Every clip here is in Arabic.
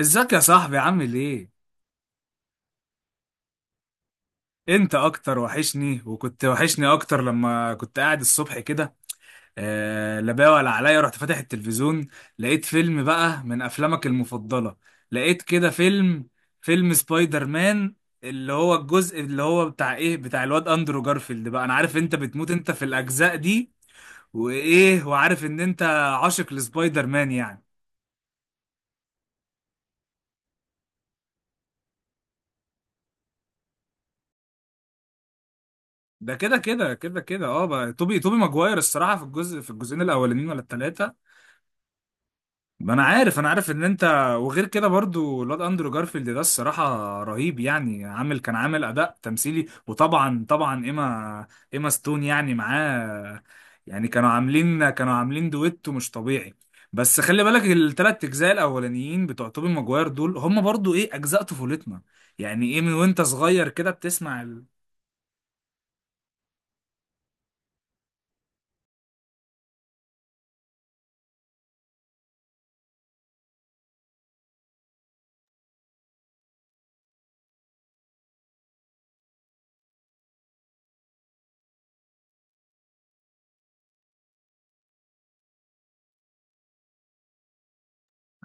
ازيك يا صاحبي عامل ايه؟ انت اكتر وحشني وكنت وحشني اكتر لما كنت قاعد الصبح كده. آه لا بقى، ولا عليا رحت فاتح التلفزيون، لقيت فيلم بقى من افلامك المفضلة. لقيت كده فيلم فيلم سبايدر مان، اللي هو الجزء اللي هو بتاع ايه، بتاع الواد اندرو جارفيلد بقى. انا عارف انت بتموت انت في الاجزاء دي، وايه وعارف ان انت عاشق لسبايدر مان يعني. ده كده كده كده كده اه بقى، توبي ماجواير الصراحة في الجزء، في الجزئين الاولانيين ولا التلاتة. ما انا عارف ان انت. وغير كده برضو الواد اندرو جارفيلد ده الصراحه رهيب، يعني عامل، كان عامل اداء تمثيلي، وطبعا ايما، ستون يعني معاه. يعني كانوا عاملين، دويتو مش طبيعي. بس خلي بالك الثلاث اجزاء الاولانيين بتوع توبي ماجواير دول هم برضو ايه، اجزاء طفولتنا. يعني ايه، من وانت صغير كده بتسمع.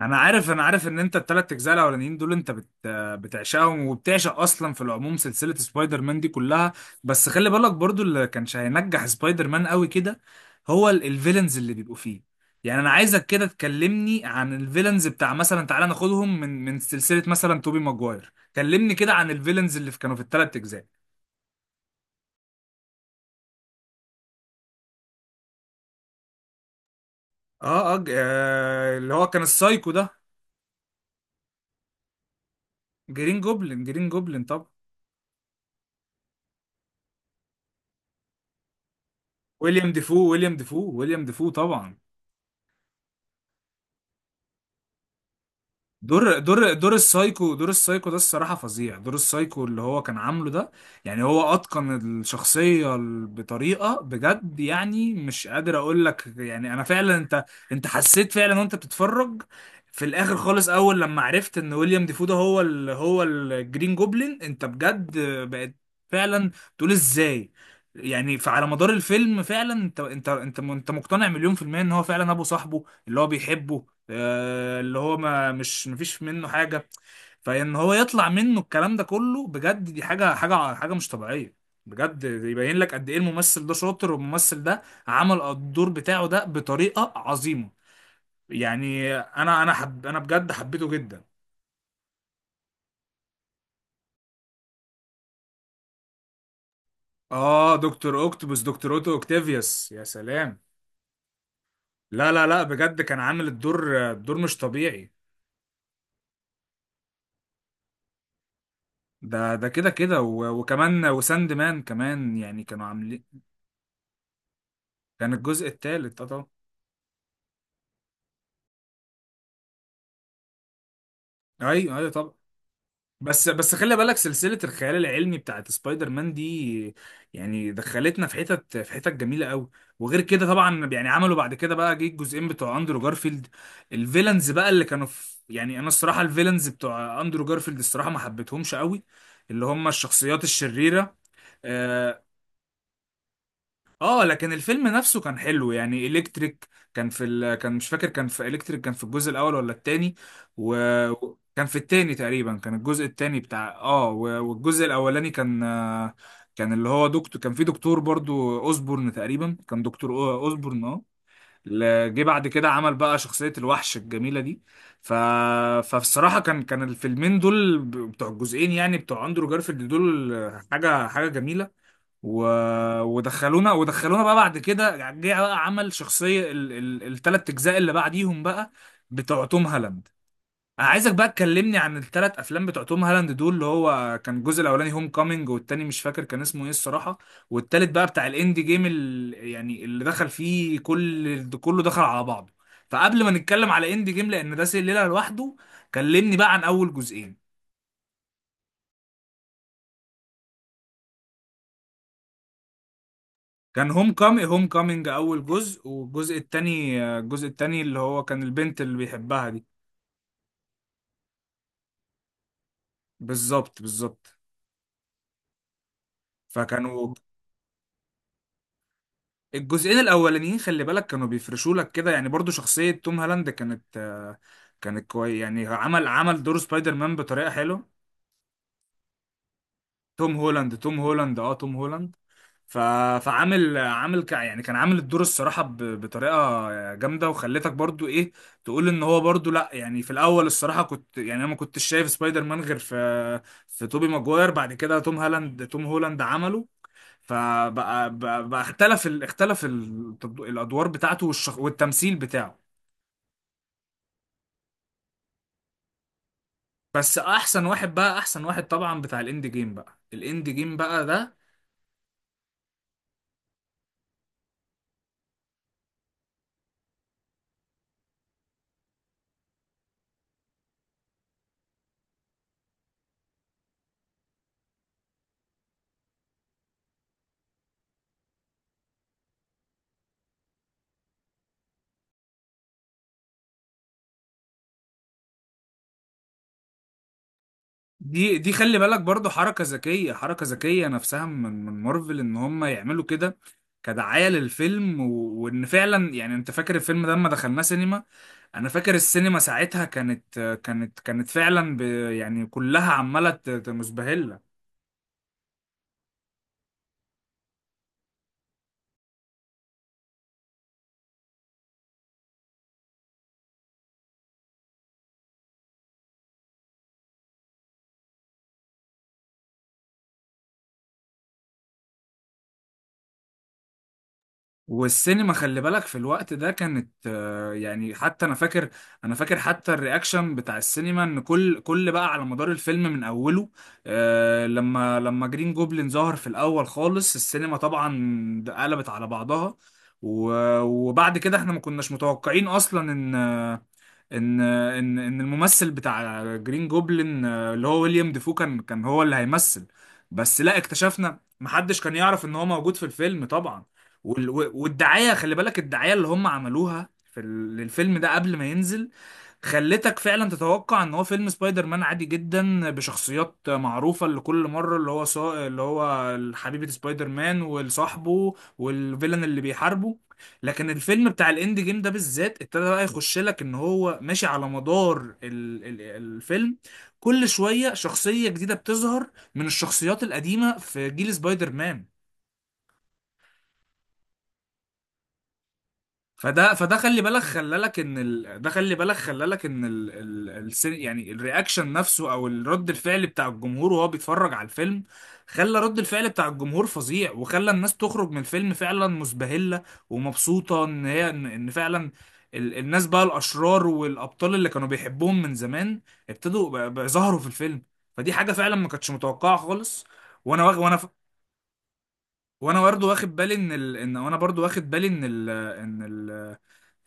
انا عارف ان انت التلات اجزاء الاولانيين دول انت بت بتعشقهم، وبتعشق اصلا في العموم سلسله سبايدر مان دي كلها. بس خلي بالك برضو، اللي كانش هينجح سبايدر مان قوي كده هو الفيلنز اللي بيبقوا فيه. يعني انا عايزك كده تكلمني عن الفيلنز بتاع مثلا، تعالى ناخدهم من سلسله مثلا توبي ماجواير. كلمني كده عن الفيلنز كانوا في التلات اجزاء. اللي هو كان السايكو ده. جرين جوبلin جرين جوبلin طبعا. ويليام ديفو ويليام ديفو ويليام ديفو طبعا. دور السايكو، ده الصراحة فظيع. دور السايكو اللي هو كان عامله ده، يعني هو أتقن الشخصية بطريقة بجد. يعني مش قادر أقول لك. يعني أنا فعلا أنت، حسيت فعلا وأنت بتتفرج. في الآخر خالص، أول لما عرفت إن ويليام ديفو ده هو ال هو الجرين جوبلين، أنت بجد بقت فعلا تقول إزاي. يعني فعلى مدار الفيلم فعلا انت مقتنع مليون في المية ان هو فعلا ابو صاحبه اللي هو بيحبه. اللي هو ما، مش مفيش منه حاجة. فإن هو يطلع منه الكلام ده كله بجد، دي حاجة حاجة حاجة مش طبيعية. بجد يبين لك قد إيه الممثل ده شاطر، والممثل ده عمل الدور بتاعه ده بطريقة عظيمة. يعني أنا أنا حب أنا بجد حبيته جدا. آه دكتور أوكتوبوس، دكتور أوتو أوكتافيوس، يا سلام. لا لا لا بجد، كان عامل الدور، مش طبيعي. ده ده كده كده و- وكمان وساند مان كمان، يعني كانوا عاملين. كان الجزء الثالث اه طبعا. ايوه ايوه طبعا. بس خلي بالك سلسله الخيال العلمي بتاعت سبايدر مان دي يعني دخلتنا في حتت، جميله قوي. وغير كده طبعا، يعني عملوا بعد كده بقى، جه الجزئين بتوع اندرو جارفيلد. الفيلنز بقى اللي كانوا في، يعني انا الصراحه الفيلنز بتوع اندرو جارفيلد الصراحه ما حبيتهمش قوي، اللي هم الشخصيات الشريره. آه، اه لكن الفيلم نفسه كان حلو. يعني الكتريك كان في كان مش فاكر، كان في الكتريك، كان في الجزء الاول ولا التاني. وكان في التاني تقريبا، كان الجزء التاني بتاع اه، والجزء الاولاني كان كان اللي هو دكتور. كان في دكتور برضو اوزبورن تقريبا، كان دكتور اوزبورن اه. جه بعد كده عمل بقى شخصية الوحش الجميلة دي. ف... فبصراحة كان الفيلمين دول بتوع الجزئين يعني بتوع اندرو جارفيلد دول حاجة، جميلة. و... ودخلونا بقى بعد كده، يعني جه بقى عمل شخصية التلات أجزاء اللي بعديهم بقى بتوع توم هالاند. أنا عايزك بقى تكلمني عن التلات أفلام بتوع توم هالاند دول. اللي هو كان الجزء الأولاني هوم كامينج، والتاني مش فاكر كان اسمه إيه الصراحة، والتالت بقى بتاع الإندي جيم يعني اللي دخل فيه كل، كله دخل على بعضه. فقبل ما نتكلم على إندي جيم، لأن ده سلسلة لوحده، كلمني بقى عن أول جزئين. كان هوم كامينج اول جزء، والجزء التاني، الجزء التاني اللي هو كان البنت اللي بيحبها دي. بالظبط بالظبط. فكانوا الجزئين الاولانيين خلي بالك كانوا بيفرشوا لك كده. يعني برضو شخصية توم هالاند كانت كانت كويس. يعني عمل دور سبايدر مان بطريقة حلوة. توم هولاند توم هولاند اه توم هولاند. ف... فعامل، يعني كان عامل الدور الصراحة بطريقة جامدة، وخلتك برضو ايه تقول ان هو برضو لا. يعني في الاول الصراحة كنت، يعني انا ما كنتش شايف سبايدر مان غير في، توبي ماجواير. بعد كده توم هالاند توم هولاند عمله. فبقى بقى... بقى اختلف الادوار بتاعته، والتمثيل بتاعه. بس احسن واحد بقى، احسن واحد طبعا بتاع الاند جيم بقى، الاند جيم بقى ده. دي دي خلي بالك برضو حركة ذكية، نفسها من مارفل ان هم يعملوا كده كدعاية للفيلم. وان فعلا يعني انت فاكر الفيلم ده لما دخلناه سينما. انا فاكر السينما ساعتها كانت، كانت فعلا يعني كلها عمالة مزبهلة. والسينما خلي بالك في الوقت ده كانت يعني حتى انا فاكر، حتى الرياكشن بتاع السينما. ان كل بقى على مدار الفيلم من اوله لما، جرين جوبلين ظهر في الاول خالص، السينما طبعا قلبت على بعضها. وبعد كده احنا ما كناش متوقعين اصلا ان، الممثل بتاع جرين جوبلin اللي هو ويليام ديفو كان هو اللي هيمثل. بس لا اكتشفنا. محدش كان يعرف ان هو موجود في الفيلم طبعا. والدعاية خلي بالك، الدعاية اللي هم عملوها في للفيلم ده قبل ما ينزل، خلتك فعلا تتوقع ان هو فيلم سبايدر مان عادي جدا بشخصيات معروفه اللي كل مره. اللي هو اللي هو حبيبه سبايدر مان وصاحبه، والفيلن اللي بيحاربه. لكن الفيلم بتاع الاند جيم ده بالذات ابتدى بقى يخش لك ان هو ماشي على مدار الفيلم. كل شويه شخصيه جديده بتظهر من الشخصيات القديمه في جيل سبايدر مان. فده خلي بالك، خلالك ان ال... ده خلي بالك خلالك ان ال... ال... السن... يعني الرياكشن نفسه او الرد الفعل بتاع الجمهور وهو بيتفرج على الفيلم خلى رد الفعل بتاع الجمهور فظيع، وخلى الناس تخرج من الفيلم فعلا مسبهلة ومبسوطة. ان هي ان إن فعلا الناس بقى، الاشرار والابطال اللي كانوا بيحبوهم من زمان، ابتدوا بقى ظهروا في الفيلم. فدي حاجة فعلا ما كانتش متوقعة خالص. وانا واخ... وانا ف... وانا برضه واخد بالي ان ال... ان وانا برضه واخد بالي ان ال... ان ال...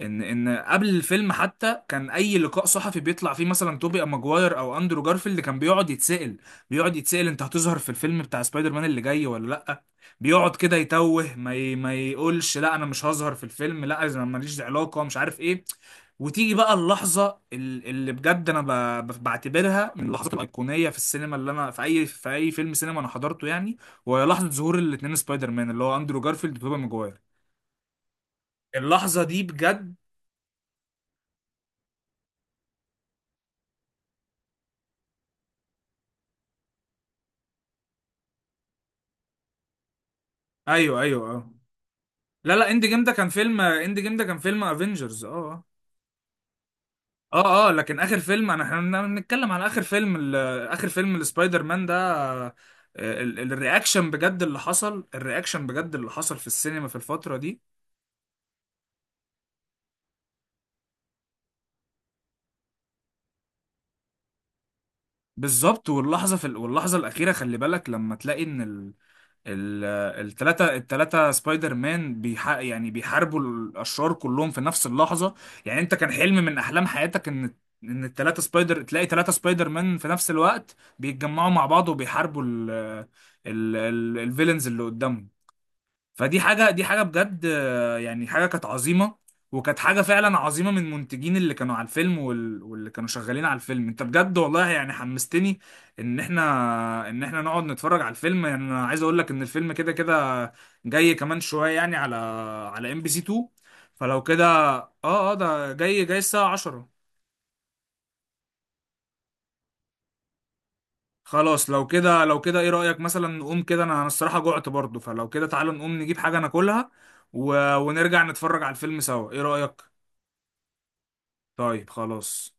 ان ان قبل الفيلم حتى، كان اي لقاء صحفي بيطلع فيه مثلا توبي ماجواير او اندرو جارفيلد كان بيقعد يتسأل. انت هتظهر في الفيلم بتاع سبايدر مان اللي جاي ولا لا. بيقعد كده يتوه، ما يقولش لا انا مش هظهر في الفيلم، لا انا ماليش علاقة، مش عارف ايه. وتيجي بقى اللحظة اللي بجد انا بعتبرها من اللحظات الأيقونية في السينما، اللي انا في اي، فيلم سينما انا حضرته يعني. وهي لحظة ظهور الاتنين سبايدر مان اللي هو اندرو جارفيلد وتوبي ماجواير. اللحظة دي بجد. ايوه ايوه اه. لا اند جيم ده كان فيلم، اند جيم ده كان فيلم افنجرز اه اه اه. لكن اخر فيلم انا، احنا بنتكلم على اخر فيلم اخر فيلم السبايدر مان ده الرياكشن بجد اللي حصل، الرياكشن بجد اللي حصل في السينما في الفترة دي. بالظبط. واللحظة في واللحظة الأخيرة خلي بالك لما تلاقي إن ال- التلاتة سبايدر مان يعني بيحاربوا الأشرار كلهم في نفس اللحظة. يعني أنت كان حلم من أحلام حياتك إن، إن التلاتة سبايدر تلاقي تلاتة سبايدر مان في نفس الوقت بيتجمعوا مع بعض وبيحاربوا ال ال ال الفيلنز اللي قدامهم. فدي حاجه، دي حاجه بجد يعني حاجه كانت عظيمه. وكانت حاجه فعلا عظيمه من المنتجين اللي كانوا على الفيلم، واللي كانوا شغالين على الفيلم. انت بجد والله يعني حمستني ان احنا، نقعد نتفرج على الفيلم. يعني انا عايز اقول لك ان الفيلم كده كده جاي كمان شويه، يعني على MBC 2. فلو كده، اه ده جاي الساعه 10. خلاص لو كده، ايه رايك مثلا نقوم كده. انا الصراحه جوعت برضو، فلو كده تعالوا نقوم نجيب حاجه ناكلها، ونرجع نتفرج على الفيلم سوا. ايه رايك؟ طيب خلاص.